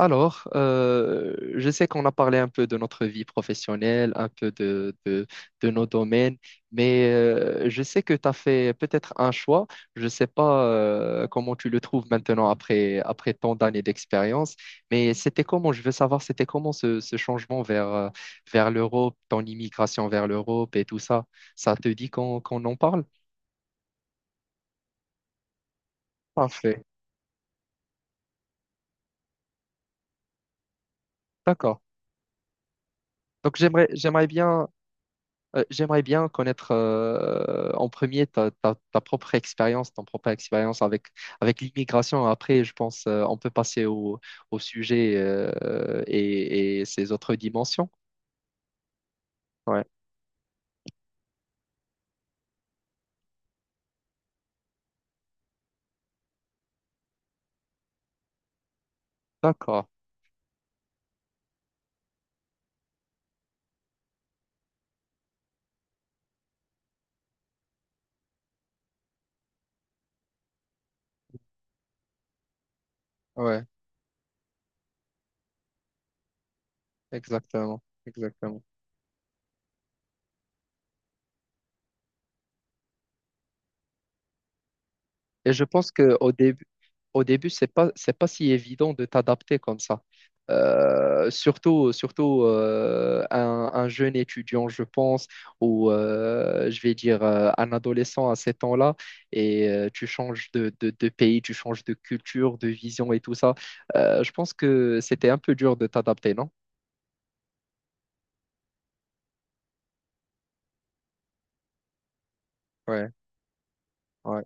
Alors, je sais qu'on a parlé un peu de notre vie professionnelle, un peu de nos domaines, mais je sais que tu as fait peut-être un choix. Je ne sais pas comment tu le trouves maintenant après tant d'années d'expérience, mais c'était comment, je veux savoir, c'était comment ce changement vers l'Europe, ton immigration vers l'Europe et tout ça. Ça te dit qu'on en parle? Parfait. D'accord. Donc, j'aimerais bien. J'aimerais bien connaître en premier ta propre expérience, ton propre expérience avec l'immigration. Après, je pense on peut passer au sujet et ses autres dimensions. Ouais, d'accord. Ouais, exactement, exactement. Et je pense qu'au au début, c'est pas si évident de t'adapter comme ça. Surtout un jeune étudiant, je pense, ou je vais dire un adolescent à ces temps-là, et tu changes de pays, tu changes de culture, de vision et tout ça. Je pense que c'était un peu dur de t'adapter, non? Ouais, ouais,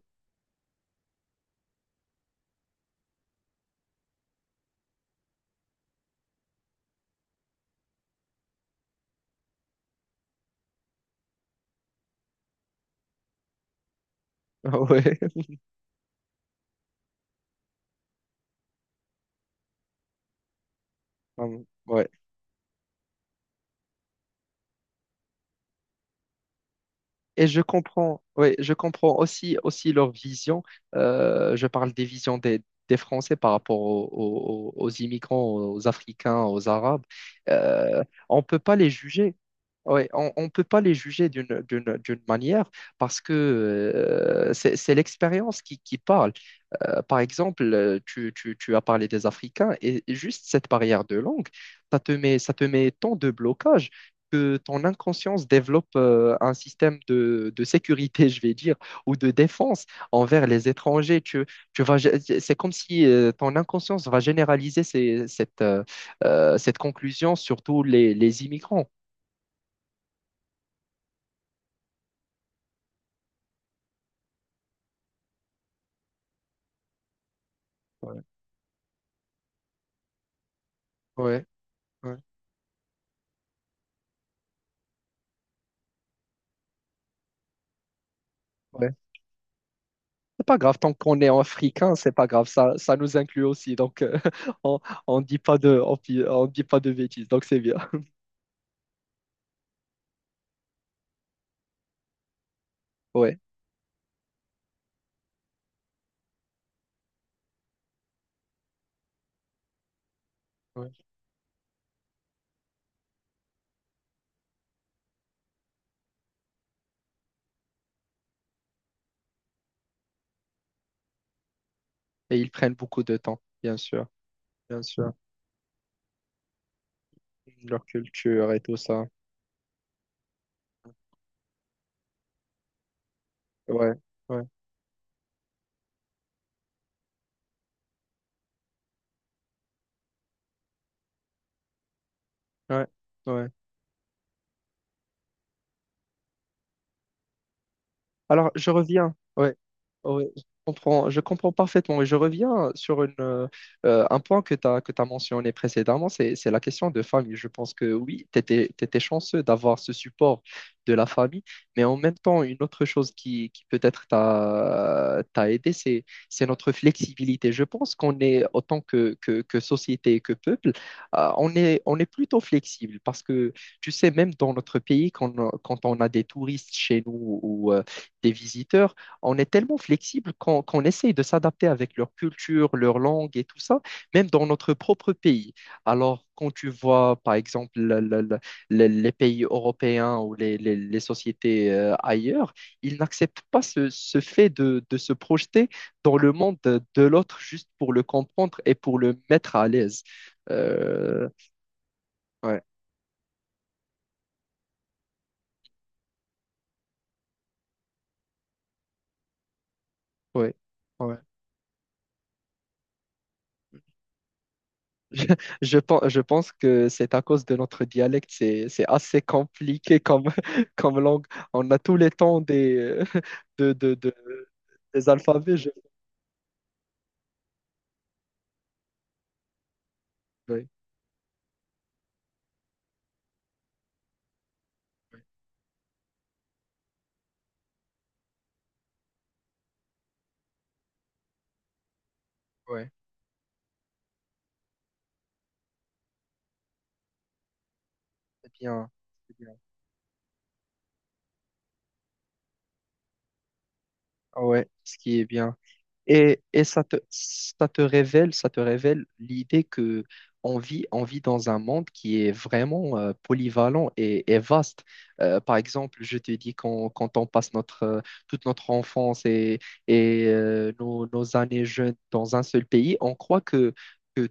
ouais, ouais. Et je comprends, oui, je comprends aussi, aussi leur vision. Je parle des visions des Français par rapport aux immigrants, aux Africains, aux Arabes. Euh, on ne peut pas les juger. Ouais, on ne peut pas les juger d'une manière parce que c'est l'expérience qui parle. Par exemple, tu as parlé des Africains et juste cette barrière de langue, ça te met tant de blocages que ton inconscience développe un système de sécurité, je vais dire, ou de défense envers les étrangers. C'est comme si ton inconscience va généraliser cette conclusion sur tous les immigrants. Ouais, ouais, ouais. C'est pas grave, tant qu'on est en africain, c'est pas grave, ça nous inclut aussi. Donc, on, on dit pas on dit pas de bêtises, donc c'est bien. Ouais. Ouais. Et ils prennent beaucoup de temps, bien sûr. Leur culture et tout ça. Ouais, ouais, ouais, ouais. Alors, je reviens. Ouais, ouais, je comprends parfaitement. Et je reviens sur un point que tu as, que tu mentionné précédemment, c'est la question de famille. Je pense que oui, tu étais, chanceux d'avoir ce support de la famille, mais en même temps, une autre chose qui peut-être t'a aidé, c'est notre flexibilité. Je pense qu'on est, autant que société et que peuple, on est plutôt flexible parce que, tu sais, même dans notre pays, quand on a des touristes chez nous ou des visiteurs, on est tellement flexible qu'on essaye de s'adapter avec leur culture, leur langue et tout ça, même dans notre propre pays. Alors, quand tu vois, par exemple, les pays européens ou les sociétés ailleurs, ils n'acceptent pas ce fait de se projeter dans le monde de l'autre juste pour le comprendre et pour le mettre à l'aise. Euh, ouais, ouais, ouais. Je pense que c'est à cause de notre dialecte, c'est assez compliqué comme, comme langue. On a tous les temps des, euh, de, de, de- des alphabets. Je... Oui, oui, ouais. C'est bien, c'est bien. Ah Ouais, ce qui est bien. Et ça ça te révèle l'idée que on vit dans un monde qui est vraiment polyvalent et vaste. Par exemple, je te dis quand on passe notre, toute notre enfance et nos années jeunes dans un seul pays, on croit que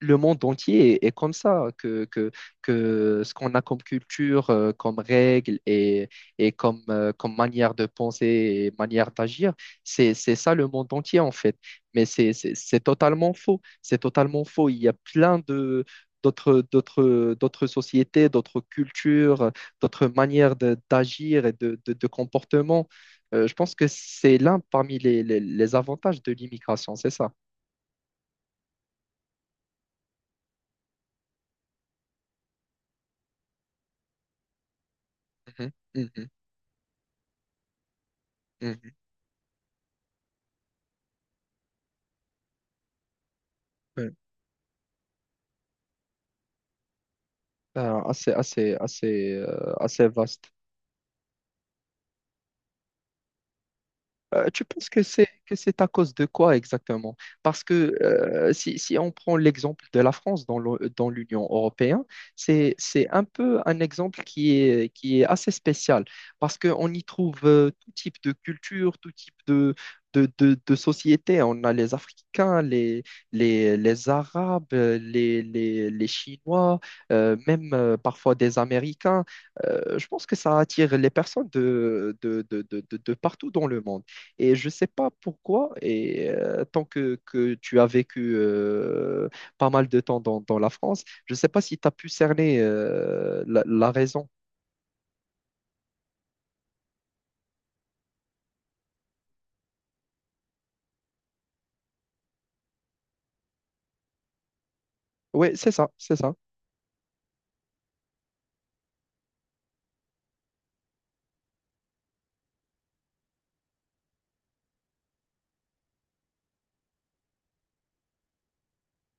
le monde entier est, est comme ça, que ce qu'on a comme culture, comme règles et comme, comme manière de penser et manière d'agir c'est ça le monde entier en fait. Mais c'est totalement faux. C'est totalement faux. Il y a plein de d'autres sociétés, d'autres cultures, d'autres manières d'agir et de comportement. Je pense que c'est l'un parmi les avantages de l'immigration, c'est ça. Mhm, mhm, mhm. Ouais. Assez assez vaste. Tu penses que c'est à cause de quoi exactement? Parce que si on prend l'exemple de la France dans l'Union européenne, c'est un exemple qui est assez spécial parce qu'on y trouve tout type de culture, tout type de société. On a les Africains, les Arabes, les Chinois, même parfois des Américains. Je pense que ça attire les personnes de partout dans le monde. Et je ne sais pas pourquoi, et tant que tu as vécu pas mal de temps dans la France, je ne sais pas si tu as pu cerner la raison. Oui, c'est ça.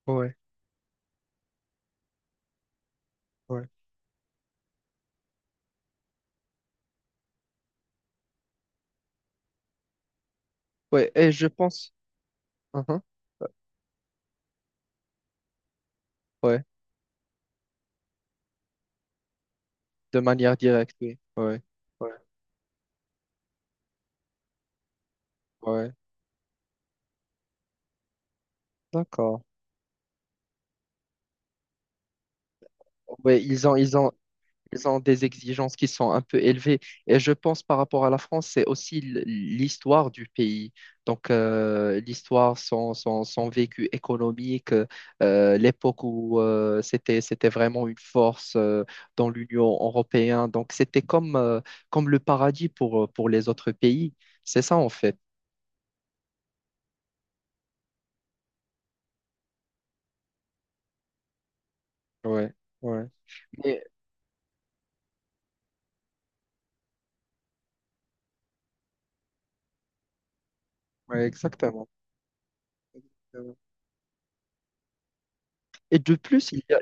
Ouais, ouais. Ouais, et je pense. Mhm. Ouais, de manière directe, oui. Ouais, ouais, ouais. D'accord. Ils ont Ils ont des exigences qui sont un peu élevées. Et je pense par rapport à la France, c'est aussi l- l'histoire du pays. Donc, l'histoire, son vécu économique, l'époque où c'était vraiment une force dans l'Union européenne. Donc, c'était comme, comme le paradis pour les autres pays. C'est ça, en fait. Ouais, ouais. Mais- ouais, exactement. Exactement. Et de plus, il y a,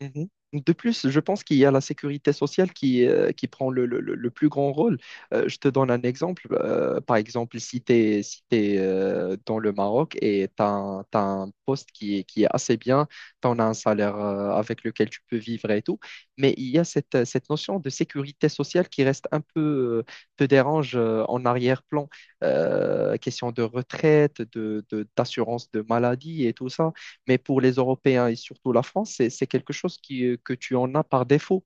Mhm. De plus, je pense qu'il y a la sécurité sociale qui prend le plus grand rôle. Je te donne un exemple. Par exemple, si tu es, si t'es, dans le Maroc et tu as, un t'as un poste qui est assez bien, tu en as un salaire avec lequel tu peux vivre et tout, mais il y a cette notion de sécurité sociale qui reste un peu, euh, te dérange en arrière-plan. Question de retraite, d'assurance de maladie et tout ça. Mais pour les Européens et surtout la France, c'est quelque chose qui, que tu en as par défaut,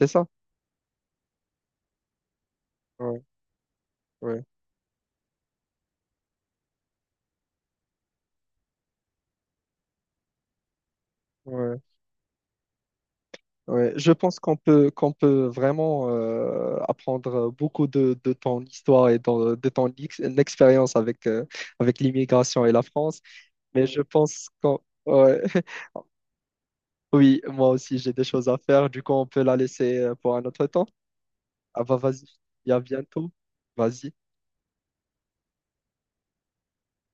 c'est ça? Ouais, ouais, ouais, ouais. Je pense qu'on peut vraiment apprendre beaucoup de ton histoire et de ton expérience avec, avec l'immigration et la France. Mais je pense qu'on... ouais. Oui, moi aussi, j'ai des choses à faire. Du coup, on peut la laisser pour un autre temps. Ah bah vas-y, et à bientôt. Vas-y.